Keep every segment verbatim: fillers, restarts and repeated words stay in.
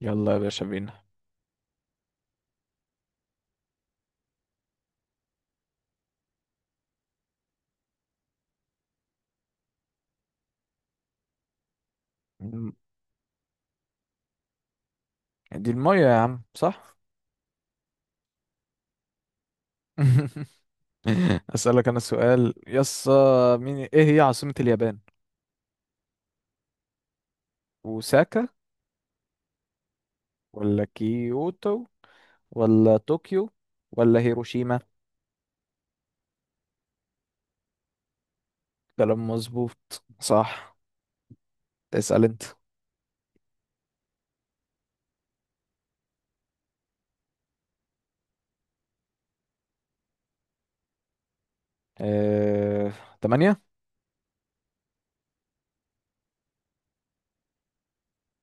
يلا يا باشا بينا. الم- دي المية يا عم، صح؟ أسألك أنا سؤال يس مين إيه هي عاصمة اليابان؟ اوساكا ولا كيوتو ولا طوكيو ولا هيروشيما؟ كلام مظبوط، صح. اسأل أنت. اه... تمانية.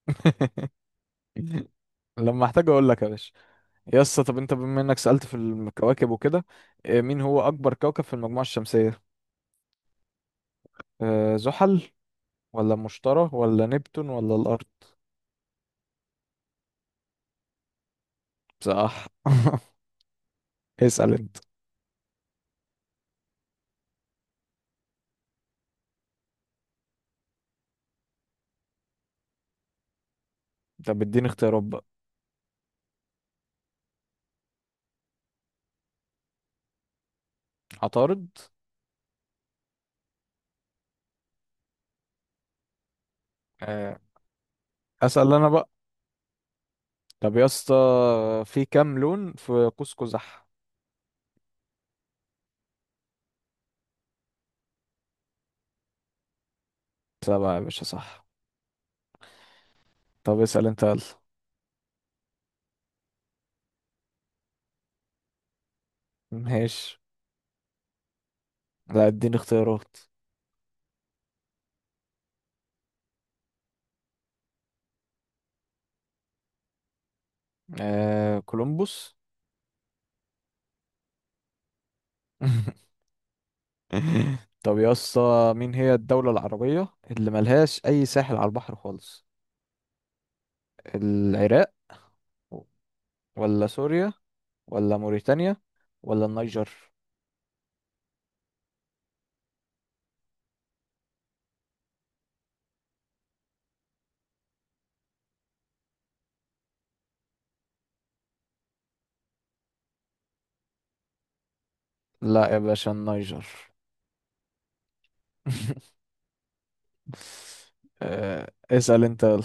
لما احتاج اقول لك يا باشا. يس طب انت بما انك سألت في الكواكب وكده، آه، مين هو اكبر كوكب في المجموعة الشمسية؟ آه، زحل ولا مشتري ولا نبتون ولا الارض؟ صح. اسأل انت. طب اديني اختيارات بقى. عطارد. آه، اسأل انا بقى. طب يا اسطى، في كام لون في قوس قزح؟ سبعة يا باشا، صح. طب اسأل انت يلا. ماشي، لا اديني اختيارات. آه، كولومبوس. طب يا اسطى، مين هي الدولة العربية اللي ملهاش أي ساحل على البحر خالص؟ العراق ولا سوريا ولا موريتانيا ولا النيجر؟ لا يا باشا، النيجر. آه، اسأل انت يلا.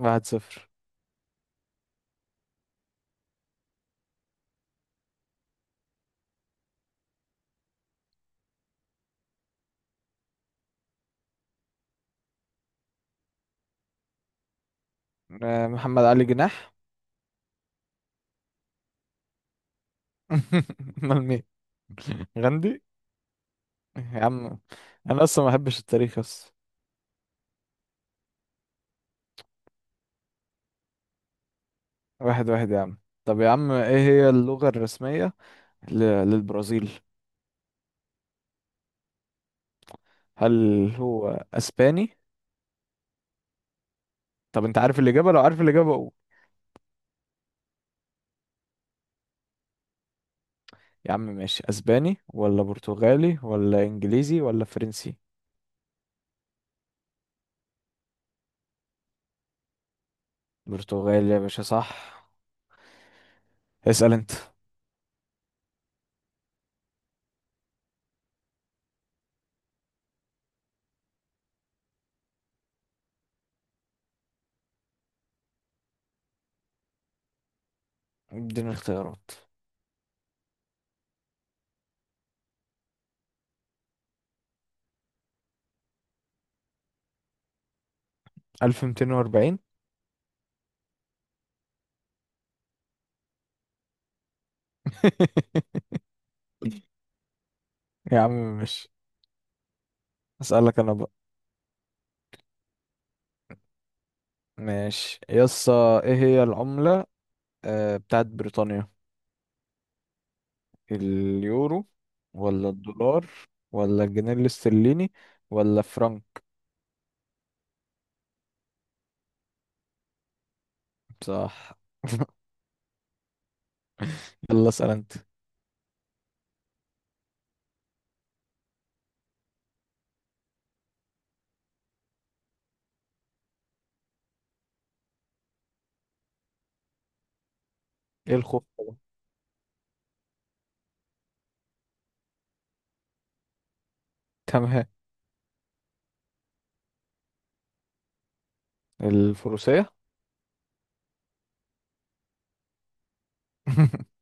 واحد صفر. آه، محمد علي جناح. امال مين؟ غندي يا عم، انا اصلا ما بحبش التاريخ اصلا. واحد واحد يا عم. طب يا عم، ايه هي اللغة الرسمية ل- للبرازيل؟ هل هو اسباني؟ طب انت عارف الاجابة؟ لو عارف الاجابة قول. يا عم ماشي، اسباني ولا برتغالي ولا انجليزي ولا فرنسي؟ برتغالي يا باشا، صح. اسأل انت. اديني اختيارات. ألف ميتين وأربعين. يا عم مش. اسالك انا بقى. ماشي. يسا ايه هي العملة آه، بتاعت بريطانيا؟ اليورو ولا الدولار ولا الجنيه الاسترليني ولا فرنك؟ صح. يلا اسال انت. ايه الخوف ده؟ تمام. الفروسية.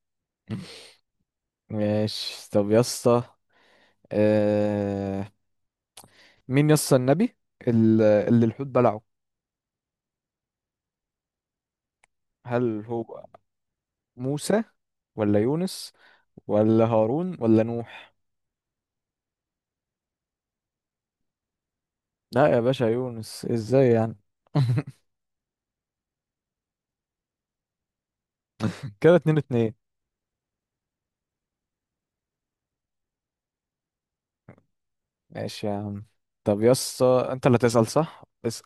ماشي، طب يسا آه... مين يسا النبي ال- اللي الحوت بلعه؟ هل هو موسى ولا يونس ولا هارون ولا نوح؟ لا يا باشا، يونس. ازاي يعني؟ كده اتنين اتنين. ماشي يا عم. طب يس انت اللي تسأل، صح، اسأل.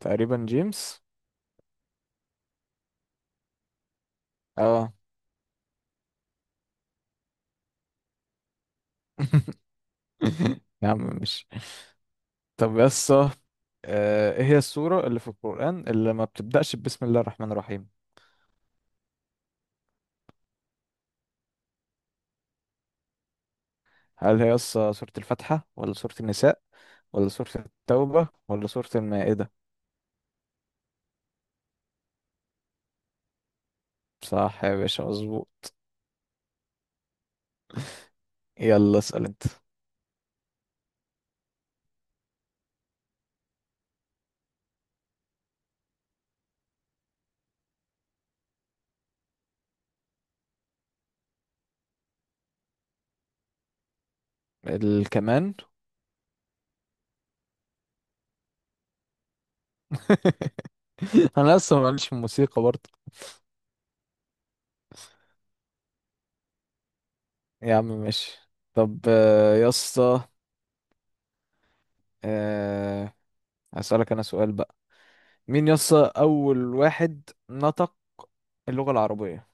تقريبا جيمس. اه. يا عم مش. طب يس آه، ايه هي السورة اللي في القرآن اللي ما بتبدأش بسم الله الرحمن الرحيم؟ هل هي يس سورة الفاتحة ولا سورة النساء ولا سورة التوبة ولا سورة المائدة؟ صح يا باشا، مظبوط. يلا اسأل انت. الكمان. انا اصلا ماليش في الموسيقى برضه. يا عم ماشي. طب آه، يا اسطى، آه، هسألك انا سؤال بقى. مين يا اسطى اول واحد نطق اللغة العربية؟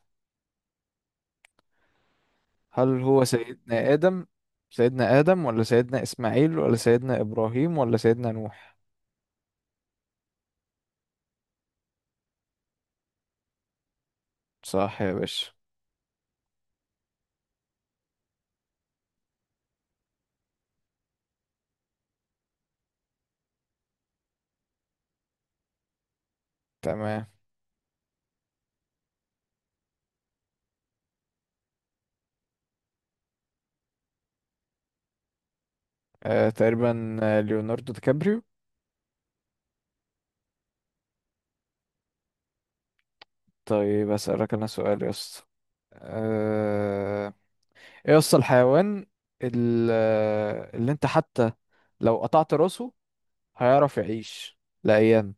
هل هو سيدنا آدم؟ سيدنا آدم ولا سيدنا إسماعيل ولا سيدنا إبراهيم ولا سيدنا نوح؟ صح يا باشا. تمام. آه، تقريبا آه، ليوناردو دي كابريو. طيب هسألك انا سؤال يا اسطى. آه، ايه يا اسطى الحيوان ال- آه، اللي انت حتى لو قطعت راسه هيعرف يعيش لأيام؟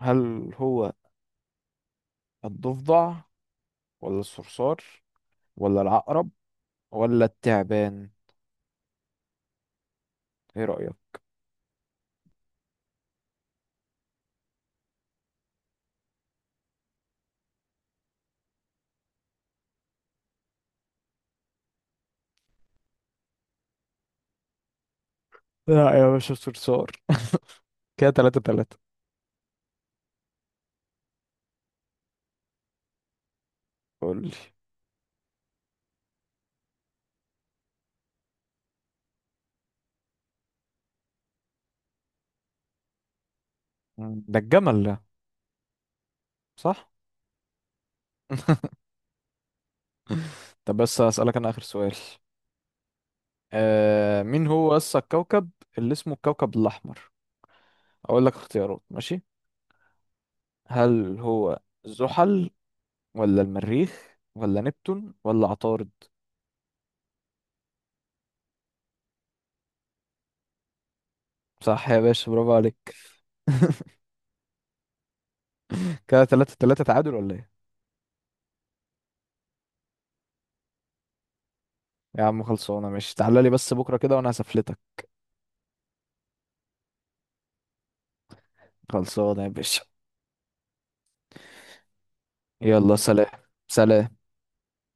هل هو الضفدع ولا الصرصار ولا العقرب ولا التعبان؟ ايه رأيك؟ لا يا باشا، الصرصار. كده تلاتة تلاتة. قولي. مم. ده الجمل ده. صح. طب بس هسألك أنا آخر سؤال. آه مين هو أصل الكوكب اللي اسمه الكوكب الأحمر؟ أقول لك اختيارات؟ ماشي. هل هو زحل ولا المريخ ولا نبتون ولا عطارد؟ صح يا باشا، برافو عليك. كده تلاتة تلاتة، تعادل ولا ايه؟ يا عم خلصانة. ماشي، تعالى لي بس بكرة كده وانا هسفلتك. خلصانة يا باشا. يلا، سلام. سلام.